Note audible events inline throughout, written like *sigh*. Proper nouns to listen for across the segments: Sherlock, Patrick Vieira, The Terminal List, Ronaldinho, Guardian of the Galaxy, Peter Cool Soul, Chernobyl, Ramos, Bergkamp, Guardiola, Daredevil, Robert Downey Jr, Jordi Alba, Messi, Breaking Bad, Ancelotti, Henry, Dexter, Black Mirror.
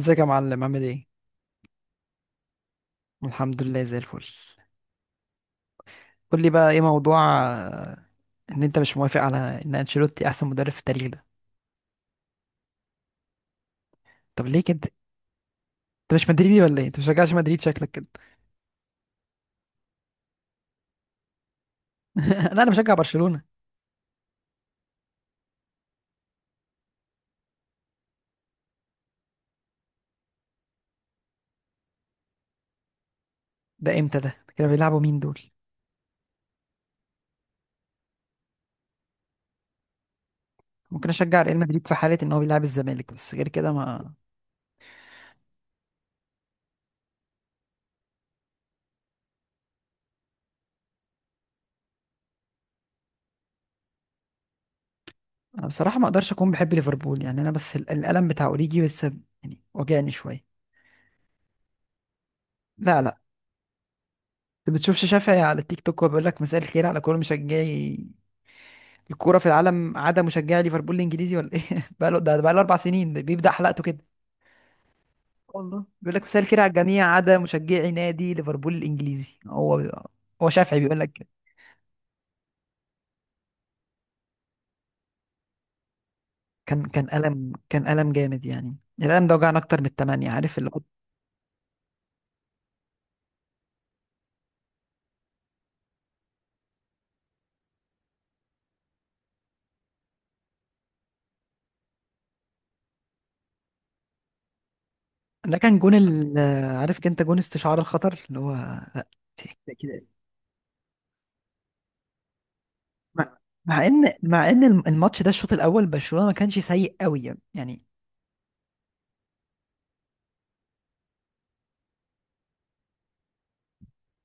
ازيك يا معلم، عامل ايه؟ الحمد لله زي الفل. قول لي بقى ايه موضوع ان انت مش موافق على ان انشيلوتي احسن مدرب في التاريخ ده؟ طب ليه كده؟ انت مش مدريدي ولا ايه؟ انت بتشجعش مدريد، شكلك كده. *laughs* لا، انا بشجع برشلونة. ده امتى ده؟ كانوا بيلعبوا مين دول؟ ممكن اشجع ريال مدريد في حالة ان هو بيلعب الزمالك، بس غير كده ما انا بصراحة ما اقدرش اكون بحب ليفربول، يعني انا بس الالم بتاع اوريجي بس، يعني وجعني شوية. لا، لا. انت بتشوفش شافعي على التيك توك وبيقول لك مساء الخير على كل مشجعي الكوره في العالم عدا مشجعي ليفربول الانجليزي ولا ايه؟ *laughs* بقى له 4 سنين بيبدا حلقته كده. والله بيقول لك مساء الخير على الجميع عدا مشجعي نادي ليفربول الانجليزي، هو شافعي بيقول لك كده. كان الم جامد يعني. الالم ده وجعنا اكتر من الثمانيه، عارف اللي هو، ده كان جون ال... عارف انت جون استشعار الخطر اللي هو *laughs* كده كده. مع مع ان الماتش ده الشوط الاول برشلونه ما كانش سيء قوي، يعني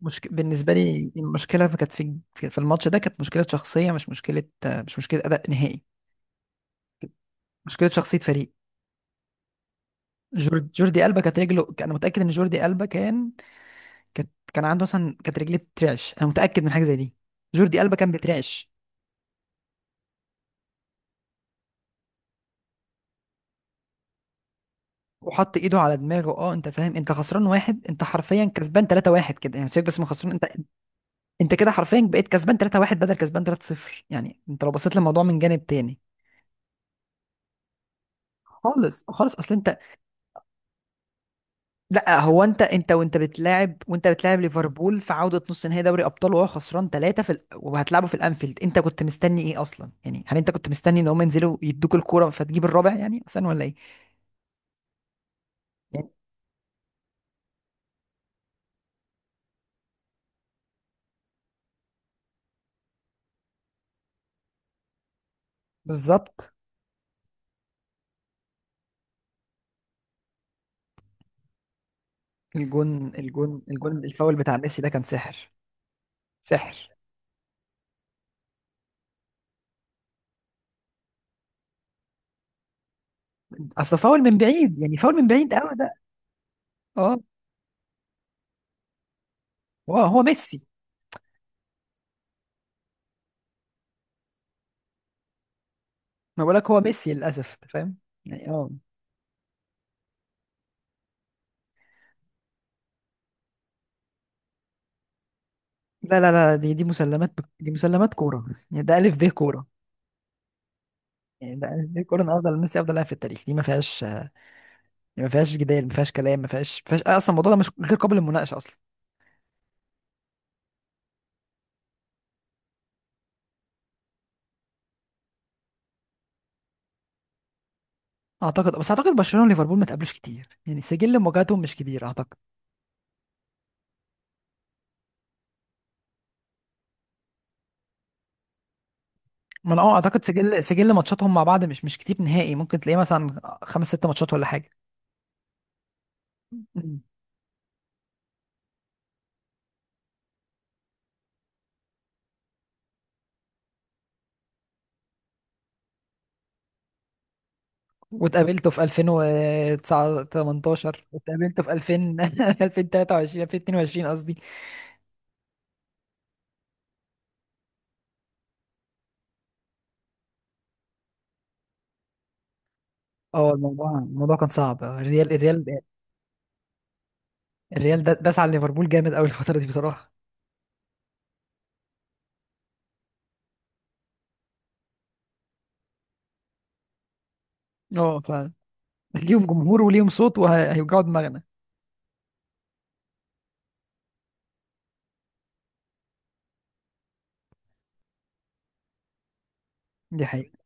مشك... بالنسبة لي المشكلة كانت في الماتش ده، كانت مشكلة شخصية، مش مشكلة أداء نهائي. مشكلة شخصية فريق. جورد... جوردي ألبا كانت رجله، أنا متأكد إن جوردي ألبا كان، كان عنده مثلا، كانت رجليه بترعش، أنا متأكد من حاجة زي دي. جوردي ألبا كان بيترعش، وحط إيده على دماغه. أه، أنت فاهم؟ أنت خسران واحد، أنت حرفيا كسبان 3-1 كده يعني، سيبك بس من خسران أنت. كده حرفيا بقيت كسبان 3-1 بدل كسبان 3-0، يعني أنت لو بصيت للموضوع من جانب تاني. خالص خالص اصل انت. لا، هو انت وانت بتلاعب ليفربول في عودة نص نهائي دوري ابطال وهو خسران ثلاثة في ال... وهتلعبه في الانفيلد، انت كنت مستني ايه اصلا يعني؟ هل انت كنت مستني ان هم ينزلوا يدوك الكورة فتجيب الرابع يعني اصلا، ولا ايه؟ يعني بالظبط. الجون الفاول بتاع ميسي ده كان سحر. سحر. اصل فاول من بعيد، يعني فاول من بعيد قوي ده. اه، هو ميسي. ما بقولك هو ميسي للاسف، انت فاهم. يعني اه. لا لا لا، دي مسلمات، دي مسلمات كورة. يعني ده الف ب كورة. يعني ده، ليه كورن، افضل ميسي افضل لاعب في التاريخ، دي ما فيهاش، دي ما فيهاش جدال، ما فيهاش كلام، ما فيهاش اصلا، الموضوع ده مش غير قابل للمناقشه اصلا. اعتقد برشلونه وليفربول ما تقابلوش كتير، يعني سجل مواجهاتهم مش كبير اعتقد. ما انا اعتقد سجل، ماتشاتهم مع بعض مش كتير نهائي، ممكن تلاقيه مثلا خمس ست ماتشات ولا حاجه. مم. واتقابلتوا في 2009، 18، واتقابلتوا في 2000، 2023، 2022 *laughs* قصدي. اه، الموضوع كان صعب، الريال داس على ليفربول جامد قوي الفتره دي بصراحه. اه، *laughs* ليهم جمهور وليهم صوت وهيوجعوا دماغنا. دي حقيقة.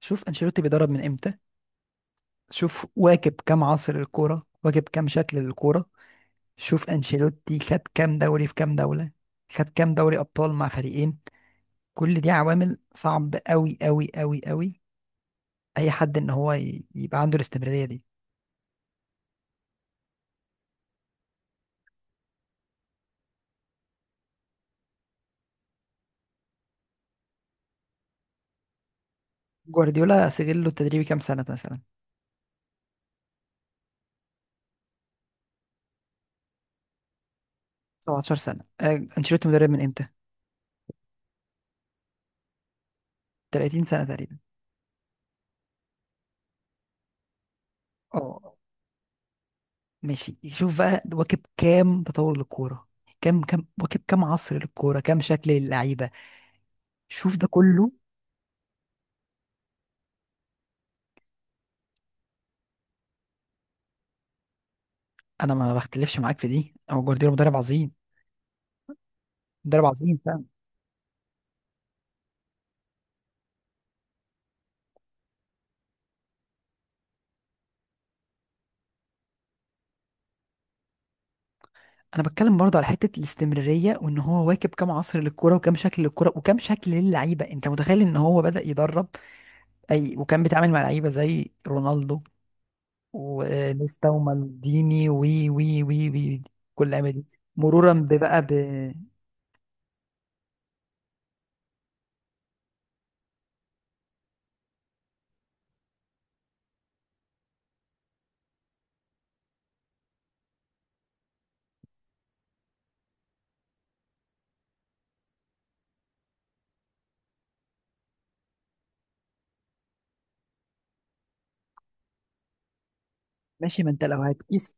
شوف، انشيلوتي بيدرب من امتى؟ شوف واكب كام عصر الكورة، واكب كام شكل للكورة. شوف انشيلوتي خد كام دوري في كام دولة، خد كام دوري ابطال مع فريقين. كل دي عوامل صعب قوي قوي قوي قوي، اي حد ان هو يبقى عنده الاستمرارية دي. جوارديولا سجل له التدريبي كام سنة مثلا؟ 17 سنة. انشيلوتي مدرب من امتى؟ 30 سنة تقريبا. اه. ماشي، شوف بقى واكب كام تطور للكورة، كام واكب كام عصر للكورة، كام شكل للعيبة، شوف ده كله. أنا ما بختلفش معاك في دي، هو جوارديولا مدرب عظيم، مدرب عظيم فعلا. أنا بتكلم برضه على حتة الاستمرارية، وإن هو واكب كام عصر للكورة، وكام شكل للكورة، وكام شكل للعيبة. أنت متخيل إن هو بدأ يدرب، أي، وكان بيتعامل مع لعيبة زي رونالدو ونيستا ومالديني وي وي وي وي كل اللعيبة دي، مرورا ببقى. ماشي،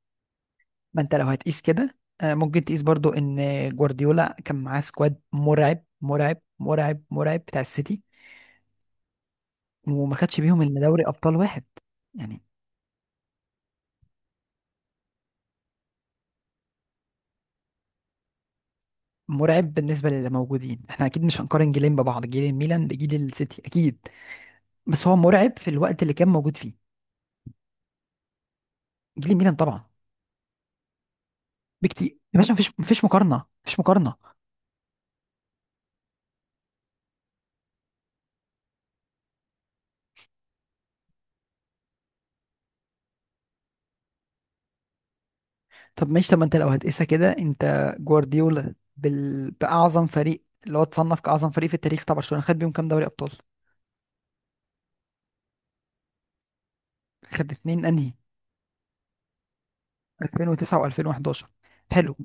ما انت لو هتقيس كده، آه، ممكن تقيس برضو ان جوارديولا كان معاه سكواد مرعب مرعب مرعب مرعب بتاع السيتي، وما خدش بيهم الا دوري ابطال واحد. يعني مرعب بالنسبه للي موجودين، احنا اكيد مش هنقارن جيلين ببعض، جيل الميلان بجيل السيتي اكيد، بس هو مرعب في الوقت اللي كان موجود فيه. جيل الميلان طبعا، بكتير. يا باشا، مفيش مقارنه، مفيش مقارنه. طب ماشي ما انت لو هتقيسها كده، انت جوارديولا بال... باعظم فريق اللي هو اتصنف كاعظم فريق في التاريخ طبعا، برشلونه خد بيهم كام دوري ابطال؟ خد اتنين انهي؟ 2009 و2011. حلو.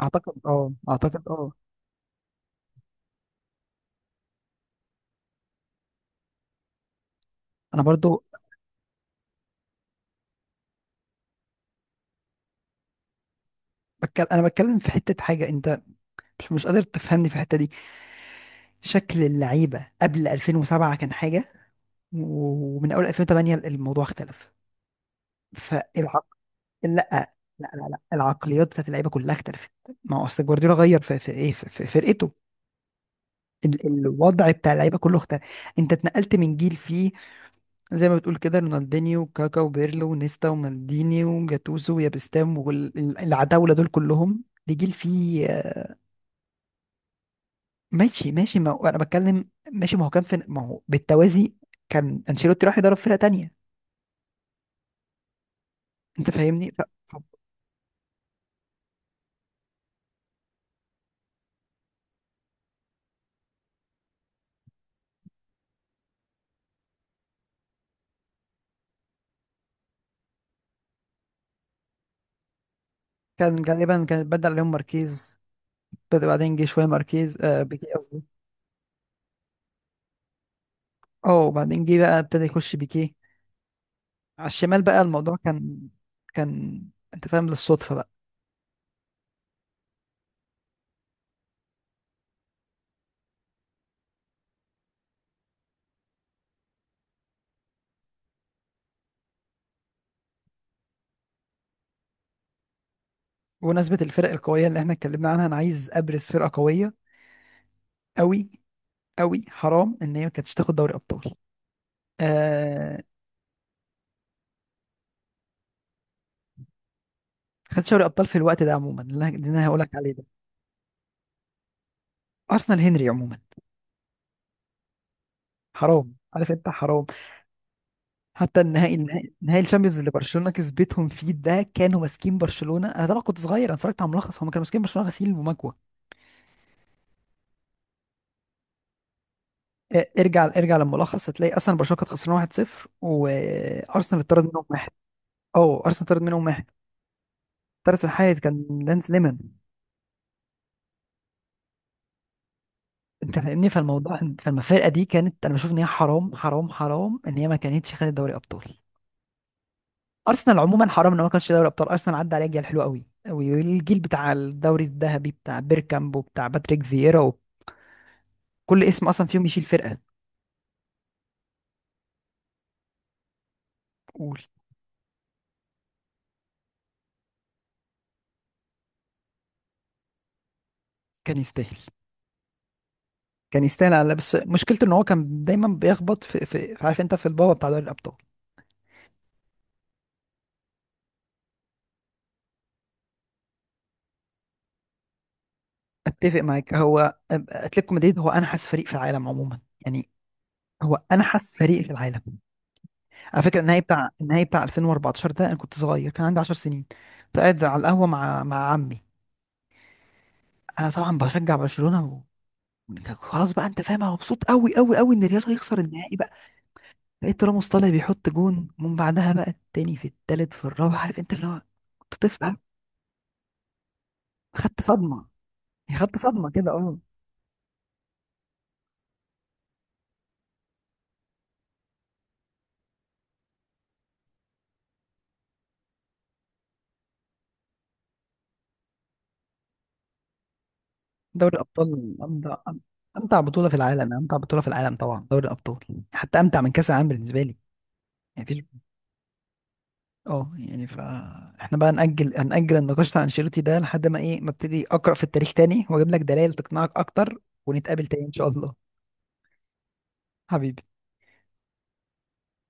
اعتقد اه، انا برضو. بتكلم في حتة حاجة، انت مش قادر تفهمني في الحتة دي. شكل اللعيبة قبل 2007 كان حاجة، ومن اول 2008 الموضوع اختلف. فالعق لا لا لا لا، العقليات بتاعت اللعيبة كلها اختلفت. ما هو اصل جوارديولا غير في، في فرقته، الوضع بتاع اللعيبة كله اختلف. انت اتنقلت من جيل فيه، زي ما بتقول كده، رونالدينيو وكاكا وبيرلو ونيستا ومالديني وجاتوزو ويابستام والعتاولة دول كلهم، دي جيل فيه ماشي ماشي ما هو- انا بتكلم، ماشي، ما هو كان في، ما هو بالتوازي كان انشيلوتي راح يدرب فرقة تانية. انت فاهمني كان غالبا كان بدأ عليهم ماركيز، بدأ بعدين جه شوية ماركيز، بيكي قصدي. اه، وبعدين جه بقى ابتدى يخش بيكي على الشمال، بقى الموضوع كان، كان انت فاهم، للصدفة بقى. بمناسبة الفرق القوية اللي احنا اتكلمنا عنها، انا عايز ابرز فرقة قوية قوي قوي، حرام ان هي ما كانتش تاخد دوري ابطال. آه، خدت دوري ابطال في الوقت ده عموما، اللي أنا هقول لك عليه ده، ارسنال، هنري عموما. حرام، عارف انت، حرام. حتى النهائي، نهائي الشامبيونز اللي برشلونه كسبتهم فيه ده، كانوا ماسكين برشلونه، انا طبعا كنت صغير انا اتفرجت على الملخص، هم كانوا ماسكين برشلونه غسيل ومكوى. آه، ارجع، للملخص هتلاقي اصلا برشلونه كانت خسرانه 1-0 وارسنال اتطرد منهم واحد. اه، ارسنال اتطرد منهم واحد، الثالث الحارس، كان دانس ليمون. انت فاهمني، فالمفارقه دي كانت، انا بشوف ان هي حرام حرام حرام، ان هي ما كانتش خدت دوري ابطال. ارسنال عموما حرام ان هو ما كانش دوري ابطال، ارسنال عدى عليه جيل حلو قوي، والجيل بتاع الدوري الذهبي بتاع بيركامب وبتاع باتريك فييرا، وكل اسم اصلا فيهم يشيل فرقه. قول. كان يستاهل كان يستاهل، على بس مشكلته ان هو كان دايما بيخبط في، عارف انت، في البابا بتاع دوري الابطال. اتفق معاك، هو اتلتيكو مدريد هو انحس فريق في العالم عموما، يعني هو انحس فريق في العالم. على فكره النهائي بتاع، 2014 ده، انا كنت صغير كان عندي 10 سنين، كنت قاعد على القهوه مع عمي. انا طبعا بشجع برشلونه و... خلاص بقى، انت فاهم انا مبسوط قوي قوي قوي ان الريال هيخسر النهائي بقى. لقيت راموس طالع بيحط جون ومن بعدها بقى التاني في التالت في الرابع، عارف انت اللي هو، كنت طفل، عارف؟ خدت صدمه، يعني خدت صدمه كده اه. دوري الابطال امتع، امتع بطوله في العالم، امتع بطوله في العالم طبعا دوري الابطال، حتى امتع من كاس العالم بالنسبه لي، يعني مفيش. اه، يعني فاحنا بقى هنأجل النقاش بتاع انشيلوتي ده لحد ما ما ابتدي اقرأ في التاريخ تاني واجيب لك دلائل تقنعك اكتر، ونتقابل تاني ان شاء الله. حبيبي.